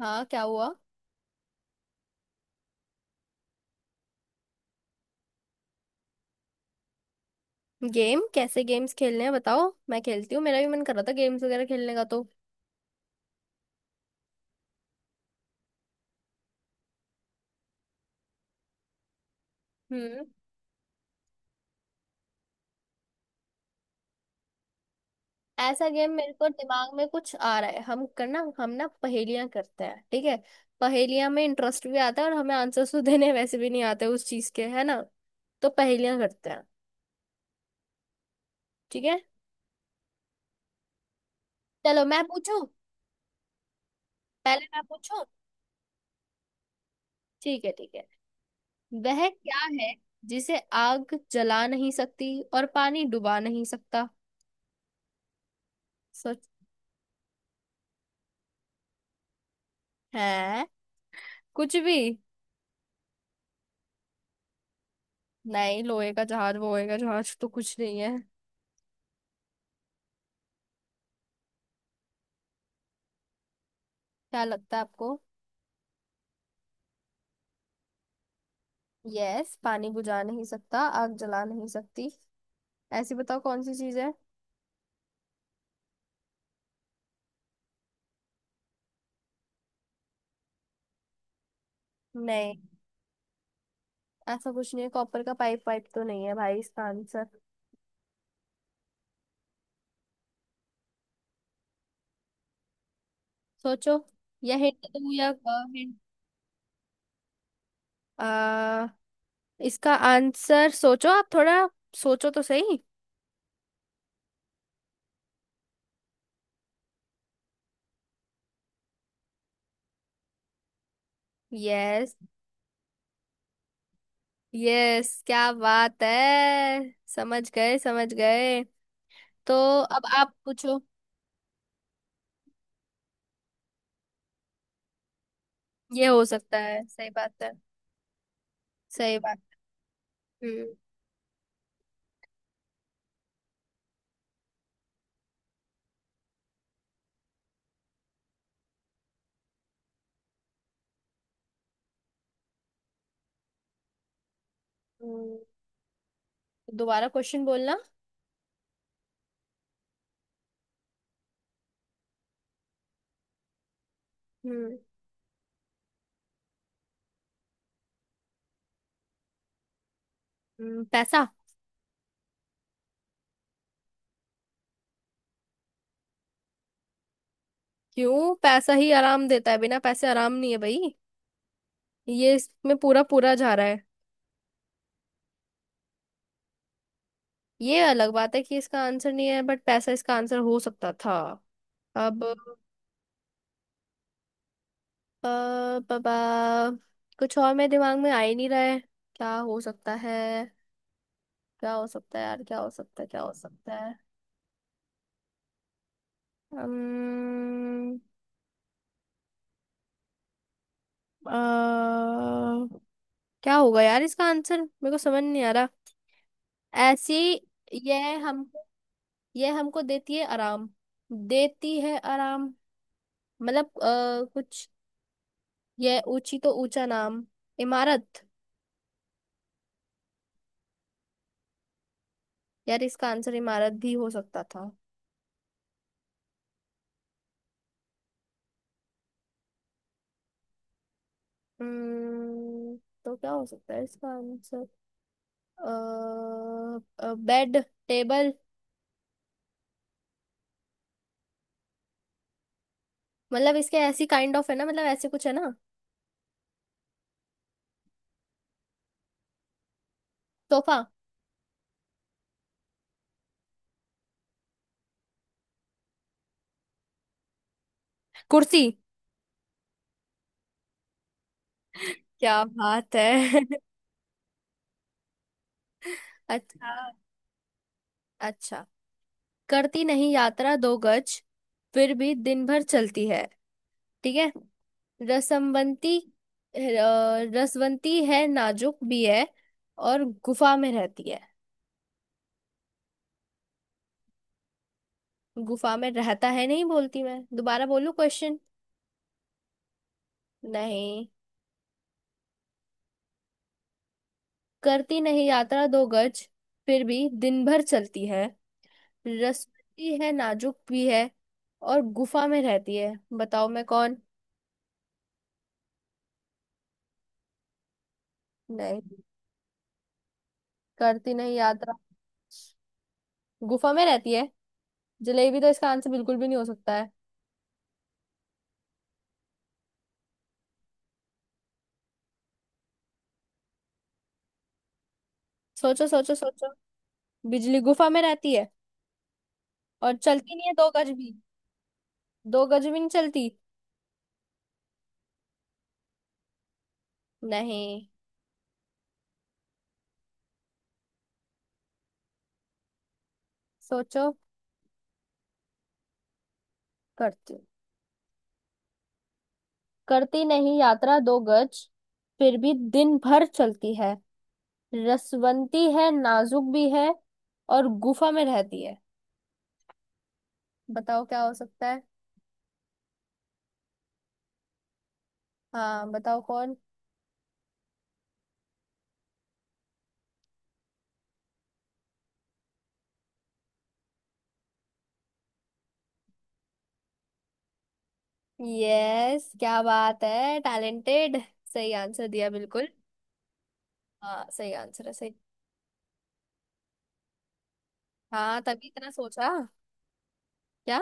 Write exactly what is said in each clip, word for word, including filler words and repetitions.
हाँ, क्या हुआ। गेम? कैसे गेम्स खेलने हैं बताओ, मैं खेलती हूँ। मेरा भी मन कर रहा था गेम्स वगैरह खेलने का तो। हम्म ऐसा गेम मेरे को दिमाग में कुछ आ रहा है। हम करना हम ना पहेलियां करते हैं, ठीक है। पहेलियां में इंटरेस्ट भी आता है और हमें आंसर्स तो देने वैसे भी नहीं आते उस चीज के, है ना। तो पहेलियां करते हैं। ठीक है। चलो मैं पूछूं। पहले मैं पूछूं। ठीक है, ठीक है। वह क्या है जिसे आग जला नहीं सकती और पानी डुबा नहीं सकता। सोच। है? कुछ भी नहीं। लोहे का जहाज वोहे का जहाज तो कुछ नहीं है। क्या लगता है आपको? यस, पानी बुझा नहीं सकता आग जला नहीं सकती। ऐसी बताओ कौन सी चीज है। नहीं, ऐसा कुछ नहीं है। कॉपर का पाइप पाइप तो नहीं है भाई इसका आंसर। सोचो। या हिंट दूं या? हिंट। आ, इसका आंसर सोचो आप थोड़ा। सोचो तो सही। यस। यस, क्या बात है। समझ गए समझ गए। तो अब आप पूछो। ये हो सकता है, सही बात है। सही बात। हम्म। हम्म, दोबारा क्वेश्चन बोलना। हम्म। हम्म, पैसा। क्यों, पैसा ही आराम देता है, बिना पैसे आराम नहीं है भाई। ये इसमें पूरा पूरा जा रहा है। ये अलग बात है कि इसका आंसर नहीं है बट पैसा इसका आंसर हो सकता था। अब, पापा। कुछ और मेरे दिमाग में आ ही नहीं रहा है। क्या हो सकता है? क्या हो सकता है यार? क्या हो सकता है? क्या हो सकता है? अम्म, अ, क्या होगा यार इसका आंसर मेरे को समझ नहीं आ रहा। ऐसी। यह हम। यह हमको देती है आराम। देती है आराम। मतलब अ, कुछ। यह ऊंची तो ऊंचा नाम। इमारत। यार इसका आंसर इमारत भी हो सकता था। हम्म। तो क्या हो सकता है इसका आंसर? Uh bed. टेबल। मतलब इसके ऐसी काइंड ऑफ है ना, मतलब ऐसे कुछ है ना। सोफा। कुर्सी। क्या बात है। अच्छा। अच्छा, करती नहीं यात्रा दो गज, फिर भी दिन भर चलती है। ठीक है। रसमवंती। अ, रसवंती है नाजुक भी है और गुफा में रहती है। गुफा में रहता है, नहीं बोलती, मैं दोबारा बोलूं क्वेश्चन? नहीं, करती नहीं यात्रा दो गज, फिर भी दिन भर चलती है, रसवंती है नाजुक भी है और गुफा में रहती है, बताओ मैं कौन। नहीं, करती नहीं यात्रा, गुफा में रहती है। जलेबी तो इसका आंसर बिल्कुल भी नहीं हो सकता है। सोचो सोचो सोचो। बिजली गुफा में रहती है और चलती नहीं है दो गज भी। दो गज भी नहीं चलती। नहीं। सोचो। करती, करती नहीं यात्रा दो गज, फिर भी दिन भर चलती है, रसवंती है नाजुक भी है और गुफा में रहती है, बताओ क्या हो सकता है। हाँ, बताओ कौन। यस, क्या बात है, टैलेंटेड। सही आंसर दिया बिल्कुल। हाँ, सही आंसर है, सही। हाँ, तभी इतना सोचा। क्या।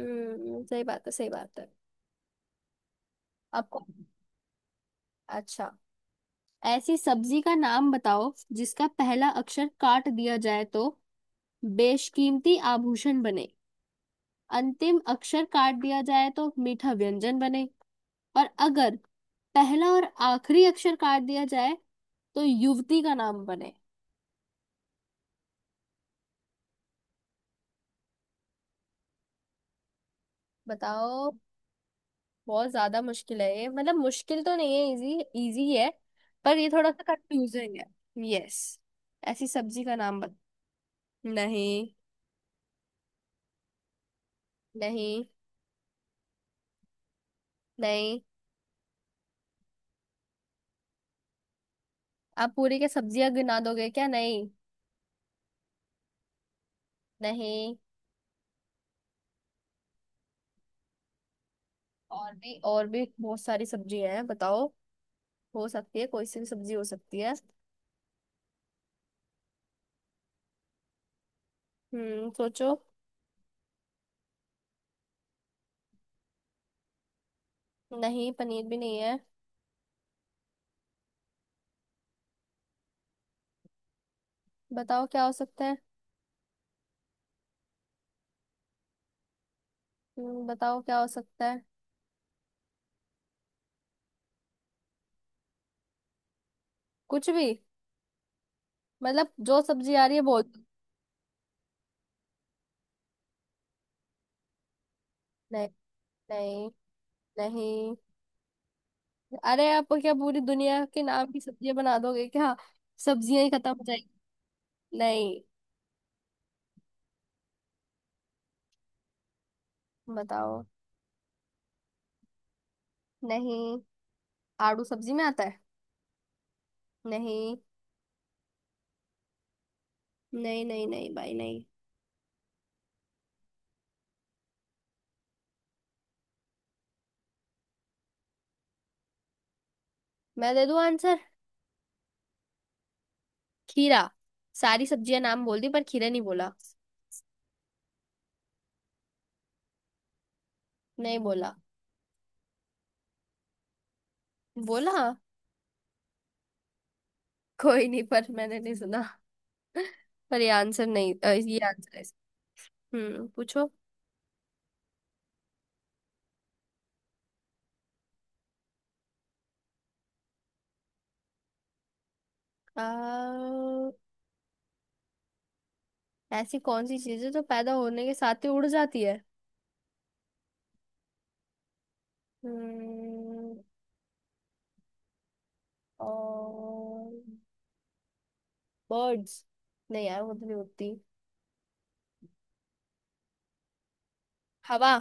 हम्म सही बात है, सही बात है। आपको। अच्छा। ऐसी सब्जी का नाम बताओ जिसका पहला अक्षर काट दिया जाए तो बेशकीमती आभूषण बने, अंतिम अक्षर काट दिया जाए तो मीठा व्यंजन बने, और अगर पहला और आखिरी अक्षर काट दिया जाए तो युवती का नाम बने। बताओ। बहुत ज्यादा मुश्किल है ये, मतलब मुश्किल तो नहीं है, इजी। इजी है। पर ये थोड़ा सा कंफ्यूजिंग है। यस। ऐसी सब्जी का नाम बता। नहीं। नहीं। नहीं। आप पूरी के सब्जियां गिना दोगे क्या? नहीं। नहीं। और भी और भी बहुत सारी सब्जियां हैं, बताओ। हो सकती है, कोई सी भी सब्जी हो सकती है। हम्म सोचो। नहीं, पनीर भी नहीं है। बताओ क्या हो सकता है। हम्म, बताओ क्या हो सकता है। कुछ भी। मतलब जो सब्जी आ रही है वो। नहीं। नहीं। नहीं। अरे आप क्या पूरी दुनिया के नाम की सब्जियां बना दोगे क्या? सब्जियां ही खत्म हो जाएगी। नहीं। बताओ। नहीं, आड़ू सब्जी में आता है? नहीं। नहीं नहीं नहीं भाई नहीं। मैं दे दूं आंसर? खीरा। सारी सब्जियां नाम बोल दी पर खीरा नहीं बोला। नहीं बोला। बोला। कोई नहीं पर मैंने नहीं सुना। पर ये आंसर नहीं, अ, ये आंसर है इसका। हम्म पूछो। आ, ऐसी कौन सी चीज है जो पैदा होने के साथ ही उड़ जाती है। हम्म। और। बर्ड्स। नहीं यार वो तो नहीं उड़ती। हवा।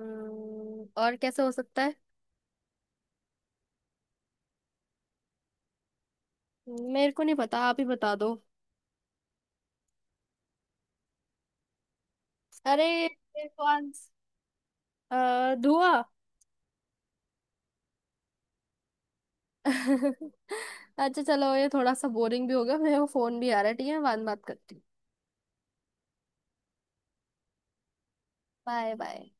हम्म, और कैसे हो सकता है? मेरे को नहीं पता, आप ही बता दो। अरे। मेरे को आंसर। अ, धुआं। अच्छा चलो, ये थोड़ा सा बोरिंग भी हो गया, मेरे को फोन भी आ रहा है, ठीक है, बाद में बात करती हूँ। Bye bye.